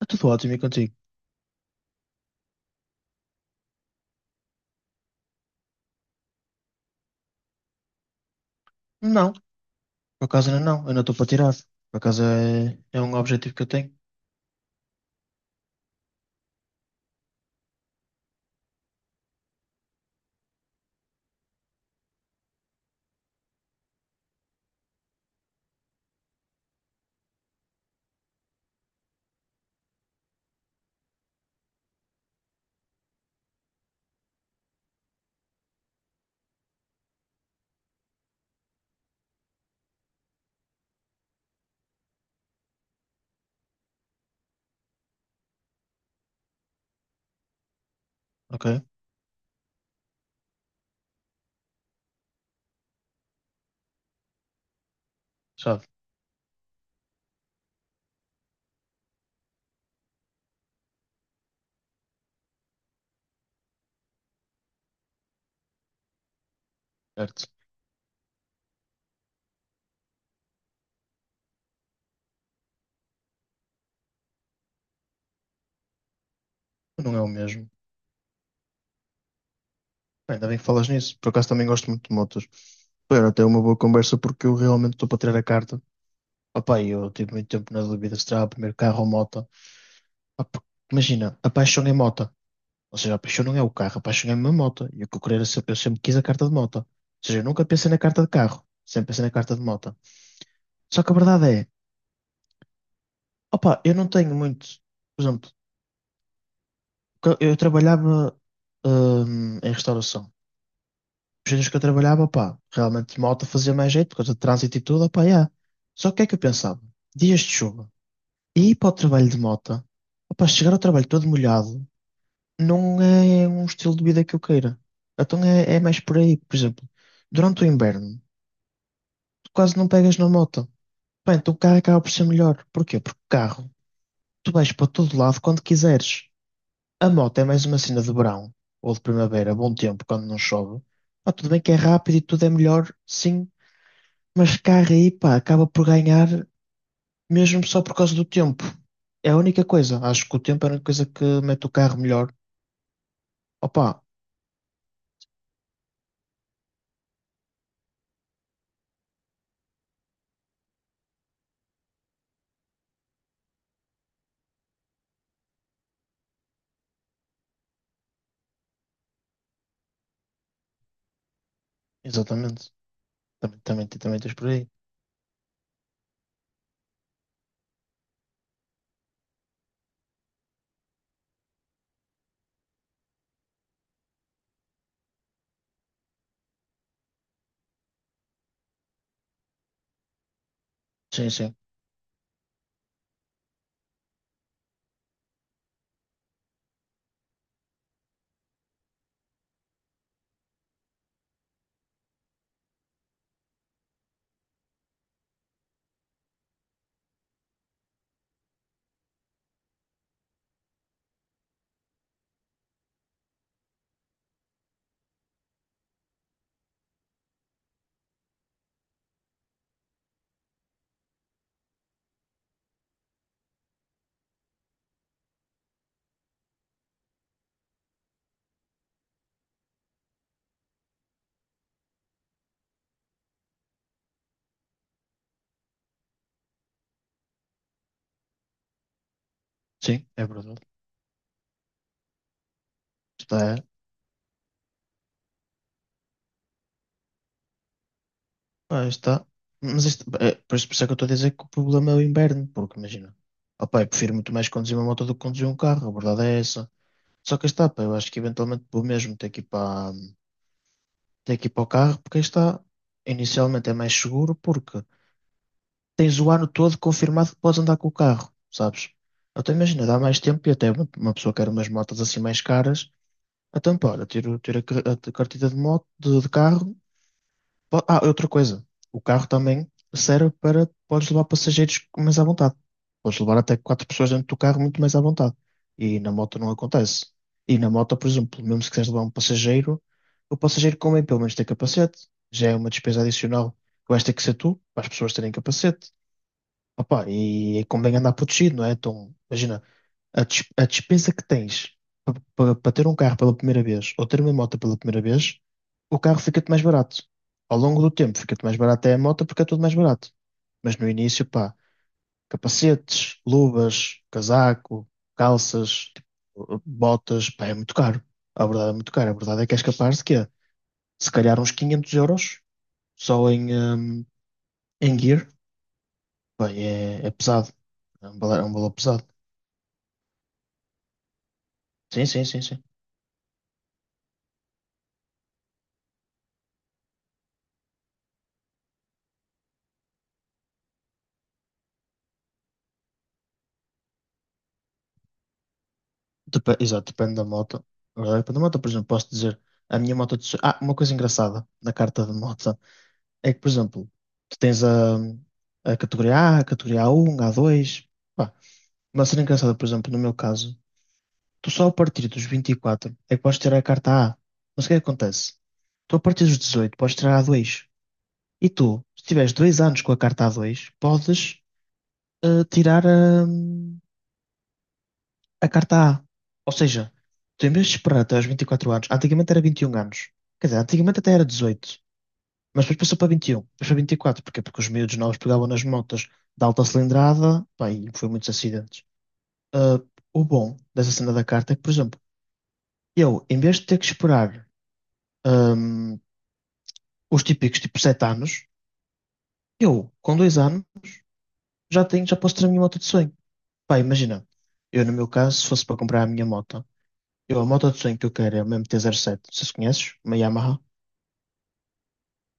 Está tudo ótimo e contigo? Não, por acaso ainda não, ainda estou para tirar. Por acaso é um objetivo que eu tenho, ok? Sabe, certo. Não é o mesmo. Bem, ainda bem que falas nisso, por acaso também gosto muito de motos. Espero até uma boa conversa porque eu realmente estou para tirar a carta. Opá, e eu tive muito tempo na dúvida se terá o primeiro carro ou moto. Pá, porque, imagina, a paixão é moto. Ou seja, a paixão não é o carro, a paixão é a minha moto. E o que eu queria era sempre, eu sempre quis a carta de moto. Ou seja, eu nunca pensei na carta de carro, sempre pensei na carta de moto. Só que a verdade é, opá, eu não tenho muito. Por exemplo, porque eu trabalhava, em restauração. Os dias que eu trabalhava, pá, realmente malta fazia mais jeito, por causa de trânsito e tudo, pá, yeah. Só que o que é que eu pensava? Dias de chuva. E ir para o trabalho de moto, opá, chegar ao trabalho todo molhado, não é um estilo de vida que eu queira. Então é mais por aí, por exemplo, durante o inverno, tu quase não pegas na moto. Bem, então o carro acaba por ser melhor. Porquê? Porque o carro, tu vais para todo lado quando quiseres. A moto é mais uma cena de verão ou de primavera, bom tempo, quando não chove. Pá, tudo bem que é rápido e tudo é melhor, sim, mas carro aí, pá, acaba por ganhar mesmo só por causa do tempo. É a única coisa. Acho que o tempo é a única coisa que mete o carro melhor. Opa, exatamente. Também, também, também tens por aí. Sim, sim, sim, é verdade. Está, é. Pá, está. Mas isto, é, por isso é que eu estou a dizer que o problema é o inverno, porque imagina. Opa, eu prefiro muito mais conduzir uma moto do que conduzir um carro, a verdade é essa. Só que aí está, pá, eu acho que eventualmente vou mesmo ter que ir para, ter que ir para o carro, porque aí está, inicialmente é mais seguro, porque tens o ano todo confirmado que podes andar com o carro, sabes? Até imagina, dá mais tempo e até uma pessoa quer umas motas assim mais caras, então pá, olha, a carteira de moto, de carro. Po- Ah, outra coisa. O carro também serve para. Podes levar passageiros mais à vontade. Podes levar até quatro pessoas dentro do carro muito mais à vontade. E na moto não acontece. E na moto, por exemplo, mesmo se quiseres levar um passageiro, o passageiro convém pelo menos ter capacete. Já é uma despesa adicional que vais ter que ser tu, para as pessoas terem capacete. Opa, e convém andar protegido, não é? Então, imagina, a despesa que tens para ter um carro pela primeira vez ou ter uma moto pela primeira vez, o carro fica-te mais barato. Ao longo do tempo fica-te mais barato é a moto porque é tudo mais barato. Mas no início, pá, capacetes, luvas, casaco, calças, tipo, botas, pá, é muito caro. A verdade é muito caro. A verdade é que és capaz de quê? Se calhar uns 500 euros só em, em gear. Bem, é pesado. É um valor pesado. Sim, sim, sim, sim. Depe- Exato, depende da moto. Agora, depende da moto, por exemplo, posso dizer a minha moto. De so- Ah, uma coisa engraçada na carta de moto é que, por exemplo, tu tens a categoria a um, a dois. Pá, uma cena engraçada, por exemplo, no meu caso, tu só a partir dos 24, é que podes tirar a carta A. Mas o que é que acontece? Tu a partir dos 18, podes tirar a A2. E tu, se tiveres dois anos com a carta a dois, podes tirar a. A carta A. Ou seja, tu em vez de esperar até aos 24 anos, antigamente era 21 anos. Quer dizer, antigamente até era 18, mas depois passou para 21, depois para 24. Porquê? Porque os miúdos novos pegavam nas motas de alta cilindrada, pá, e foi muitos acidentes. Ah, o bom dessa cena da carta é que, por exemplo, eu, em vez de ter que esperar ahm, os típicos tipo 7 anos, eu, com 2 anos, já tenho, já posso ter a minha moto de sonho. Pá, imagina, eu no meu caso, se fosse para comprar a minha moto, eu, a moto de sonho que eu quero é uma mt sete. Se conheces, uma Yamaha.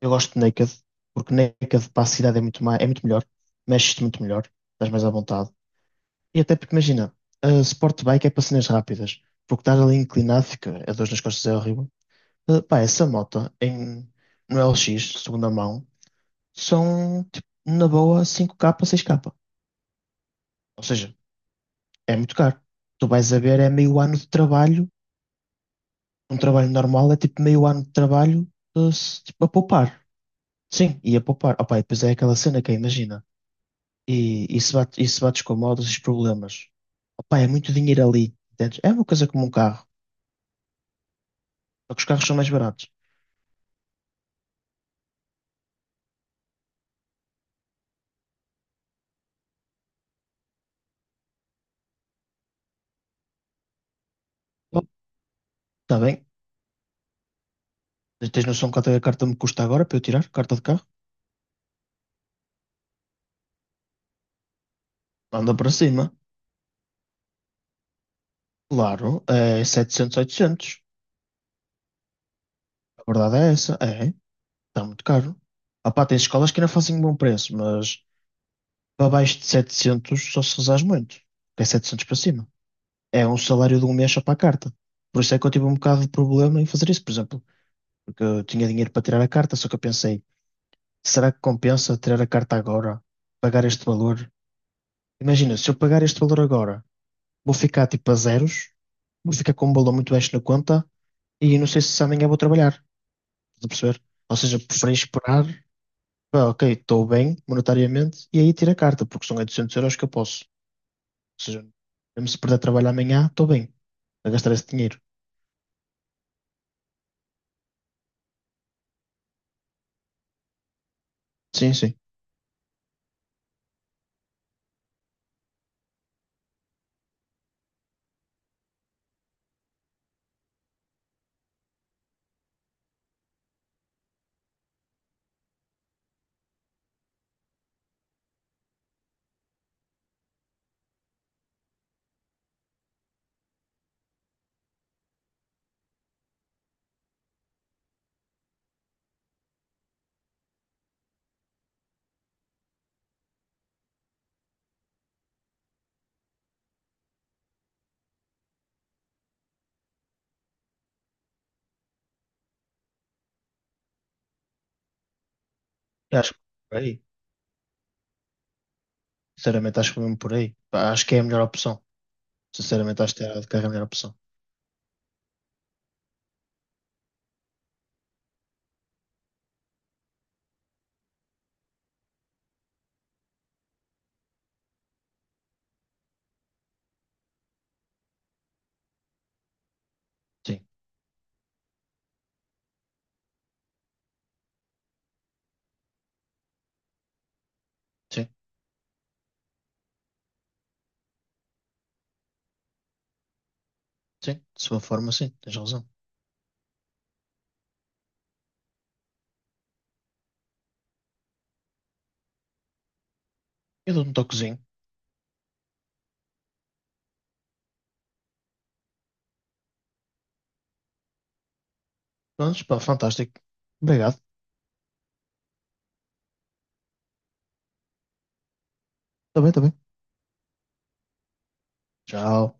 Eu gosto de Naked, porque Naked para a cidade é muito, ma- é muito melhor, mexes-te muito melhor, estás mais à vontade. E até porque imagina, a Sport Bike é para cenas rápidas, porque estás ali inclinado, fica a dor nas costas é horrível. Pá, essa moto em, no LX, segunda mão, são tipo, na boa 5K, 6K. Ou seja, é muito caro. Tu vais a ver, é meio ano de trabalho, um trabalho normal é tipo meio ano de trabalho se- tipo, a poupar. Sim, e a poupar. Opa, e depois é aquela cena que é, imagina. E bate com modos, esses problemas. Opa, é muito dinheiro ali. Entendes? É uma coisa como um carro, só que os carros são mais baratos. Oh, está bem, tens noção quanto é que a carta me custa agora para eu tirar? Carta de carro? Anda para cima. Claro, é 700, 800. A verdade é essa. Está muito caro. Opa, tem escolas que ainda fazem um bom preço, mas para baixo de 700 só se rezares muito. Que é 700 para cima. É um salário de um mês só para a carta. Por isso é que eu tive um bocado de problema em fazer isso. Por exemplo, porque eu tinha dinheiro para tirar a carta, só que eu pensei, será que compensa tirar a carta agora? Pagar este valor? Imagina, se eu pagar este valor agora, vou ficar tipo a zeros, vou ficar com um valor muito baixo na conta e não sei se amanhã vou trabalhar, estás a perceber? Ou seja, preferi esperar, pá, ok, estou bem monetariamente e aí tiro a carta, porque são 800 € que eu posso. Ou seja, mesmo se perder trabalho amanhã, estou bem a gastar esse dinheiro. Sim, sim. Eu acho que por aí. Sinceramente, acho que mesmo por aí. Pá, acho que é a melhor opção. Sinceramente, acho que é a melhor opção. Sim, sim, sim. De sua forma, sim, tens razão. Eu dou-te um toquezinho. Mas, pá, fantástico. Obrigado. Tá bem, tá bem. Tchau.